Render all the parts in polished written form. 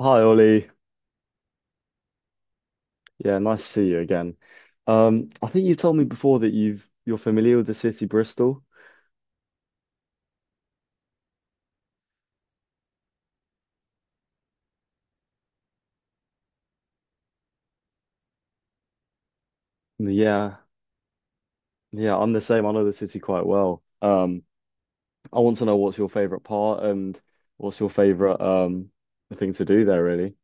Hi Ollie. Yeah, nice to see you again. I think you told me before that you're familiar with the city Bristol. Yeah, yeah, I'm the same. I know the city quite well. I want to know what's your favorite part and what's your favorite thing to do there really.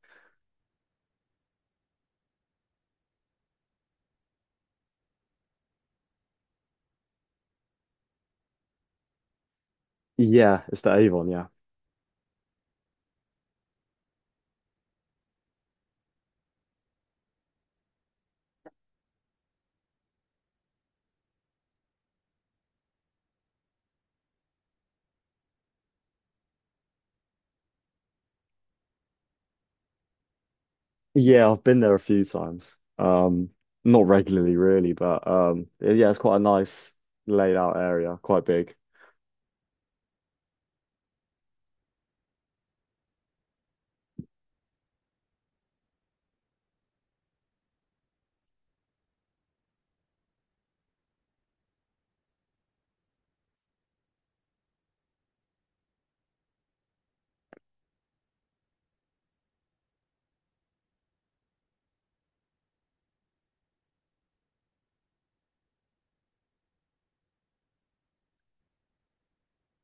Yeah, it's the Avon, yeah. Yeah, I've been there a few times. Not regularly really, but yeah, it's quite a nice laid out area, quite big.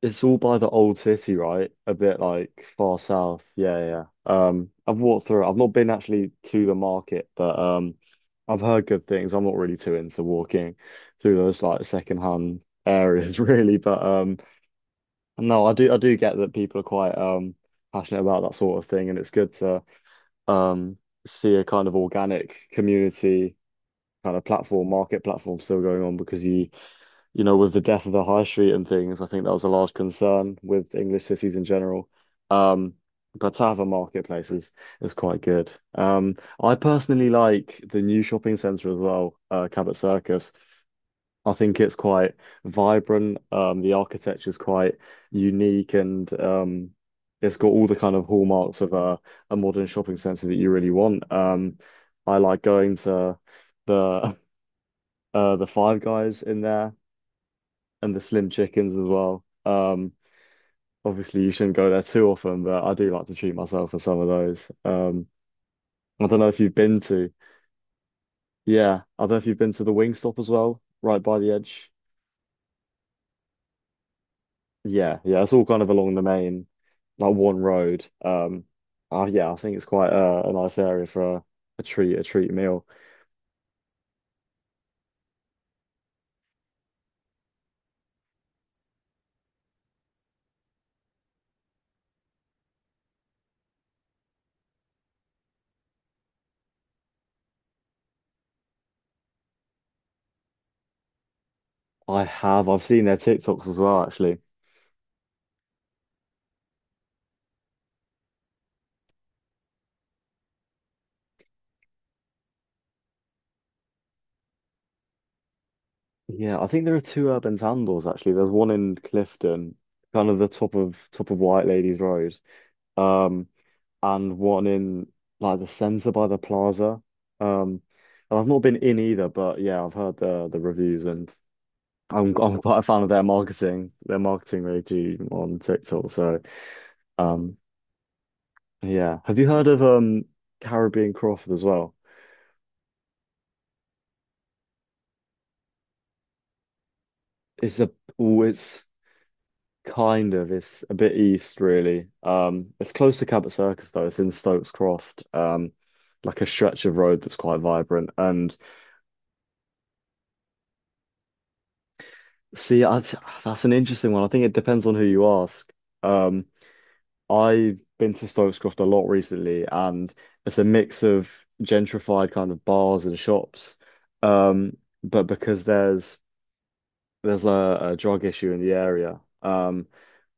It's all by the old city, right? A bit like far south. Yeah, yeah, yeah. I've walked through it. I've not been actually to the market, but I've heard good things. I'm not really too into walking through those like secondhand areas, really. But no, I do get that people are quite passionate about that sort of thing, and it's good to um see a kind of organic community kind of platform, market platform still going on because with the death of the high street and things, I think that was a large concern with English cities in general. Um, but to have a marketplace is quite good. I personally like the new shopping centre as well, Cabot Circus. I think it's quite vibrant. The architecture is quite unique and it's got all the kind of hallmarks of a modern shopping centre that you really want. I like going to the the Five Guys in there and the slim chickens as well. Obviously you shouldn't go there too often, but I do like to treat myself for some of those. I don't know if you've been to, yeah, I don't know if you've been to the Wingstop as well, right by the edge. Yeah, yeah, it's all kind of along the main, like one road. Yeah, I think it's quite a nice area for a treat meal. I have, I've seen their TikToks as well, actually. Yeah, I think there are two urban sandals actually. There's one in Clifton, kind of the top of White Ladies Road. Um, and one in like the centre by the plaza. Um, and I've not been in either, but yeah, I've heard the reviews and I'm quite a fan of their marketing they do on TikTok. So um, yeah, have you heard of Caribbean Crawford as well? It's a oh, it's kind of it's a bit east really. It's close to Cabot Circus though. It's in Stokes Croft. Like a stretch of road that's quite vibrant and. That's an interesting one. I think it depends on who you ask. Um, I've been to Stokes Croft a lot recently, and it's a mix of gentrified kind of bars and shops. Um, but because there's a drug issue in the area.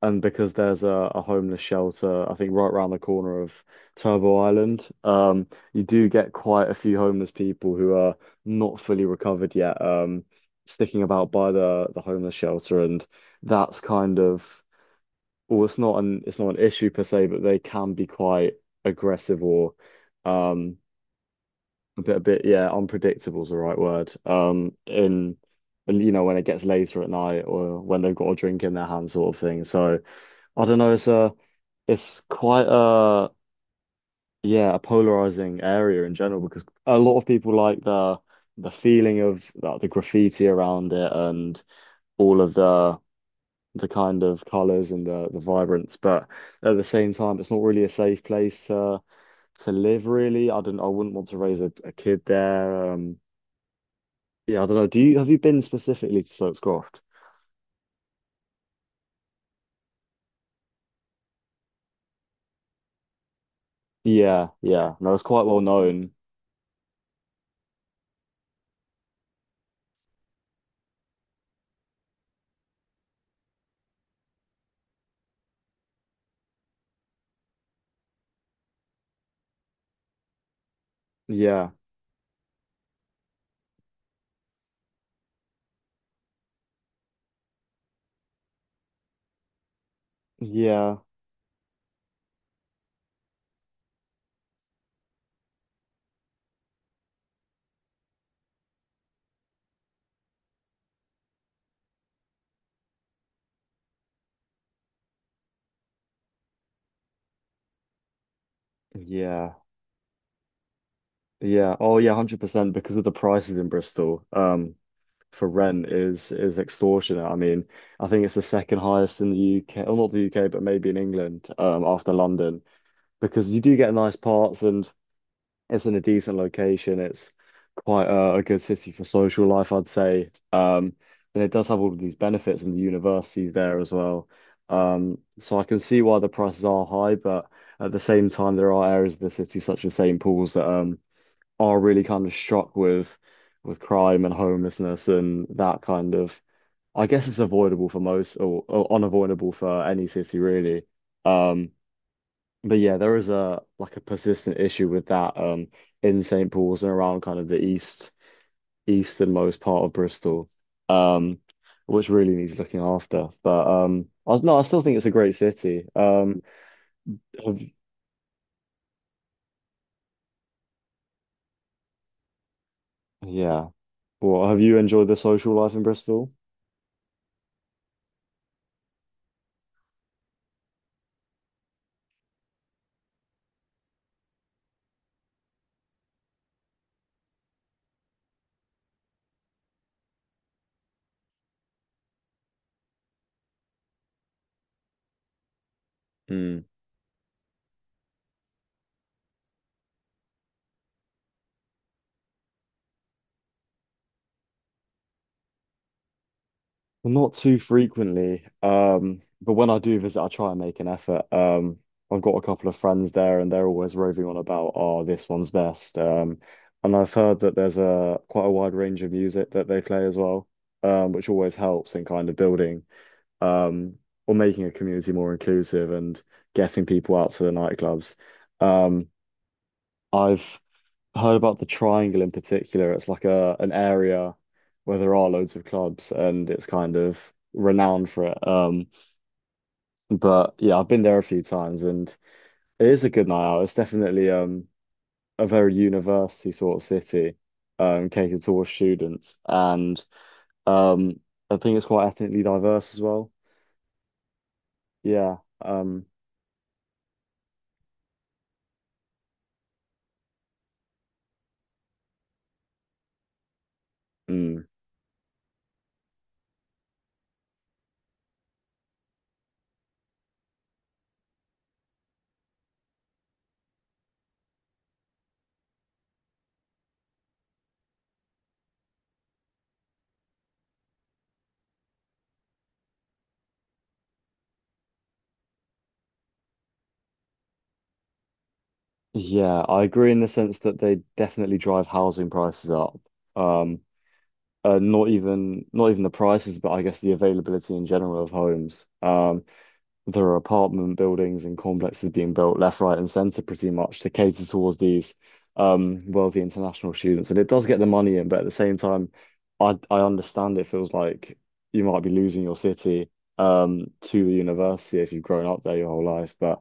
And because there's a homeless shelter, I think right around the corner of Turbo Island, you do get quite a few homeless people who are not fully recovered yet, sticking about by the homeless shelter, and that's kind of well, it's not an issue per se, but they can be quite aggressive or um, yeah, unpredictable is the right word. In and, you know when it gets later at night or when they've got a drink in their hand, sort of thing. So I don't know. It's a, it's quite a, yeah, a polarizing area in general because a lot of people like the feeling of like, the graffiti around it and all of the kind of colors and the vibrance, but at the same time, it's not really a safe place to live. Really, I don't. I wouldn't want to raise a kid there. Yeah, I don't know. Do you have you been specifically to Soap's Croft? Yeah, yeah. No, it's quite well known. Yeah, yeah, yeah, yeah. Oh yeah, 100% because of the prices in Bristol. For rent is extortionate. I mean, I think it's the second highest in the UK, or not the UK, but maybe in England, after London, because you do get nice parts and it's in a decent location. It's quite a good city for social life, I'd say. And it does have all of these benefits and the universities there as well. So I can see why the prices are high, but at the same time, there are areas of the city, such as St. Paul's, that are really kind of struck with crime and homelessness and that kind of. I guess it's avoidable for most, or unavoidable for any city, really. Um, but yeah, there is a like a persistent issue with that in St. Paul's and around kind of the easternmost part of Bristol, um, which really needs looking after. But no, I still think it's a great city. Have, yeah. Well, have you enjoyed the social life in Bristol? Mm. Well, not too frequently, but when I do visit, I try and make an effort. I've got a couple of friends there, and they're always roving on about, oh, this one's best. And I've heard that there's a quite a wide range of music that they play as well, which always helps in kind of building um, or making a community more inclusive and getting people out to the nightclubs. Um, I've heard about the Triangle in particular. It's like a an area where there are loads of clubs and it's kind of renowned for it. But yeah, I've been there a few times and it is a good night out. It's definitely a very university sort of city, catered towards students and um I think it's quite ethnically diverse as well. Yeah. Um mm. Yeah, I agree in the sense that they definitely drive housing prices up. Um, not even the prices, but I guess the availability in general of homes. There are apartment buildings and complexes being built left, right, and centre pretty much to cater towards these wealthy international students, and it does get the money in, but at the same time, I understand it feels like you might be losing your city to the university if you've grown up there your whole life, but.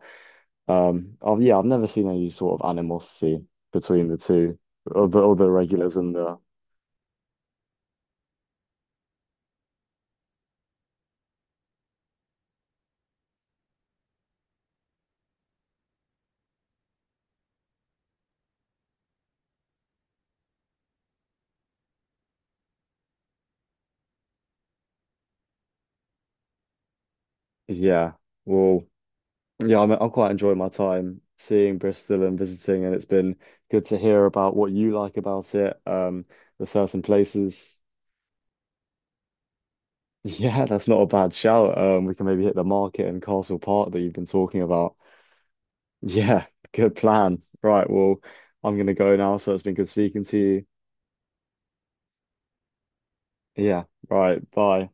Oh yeah, I've never seen any sort of animosity between the two other regulars and the yeah. Well, yeah, I'm quite enjoying my time seeing Bristol and visiting, and it's been good to hear about what you like about it. The certain places. Yeah, that's not a bad shout. We can maybe hit the market and Castle Park that you've been talking about. Yeah, good plan. Right, well, I'm gonna go now, so it's been good speaking to you. Yeah, right, bye.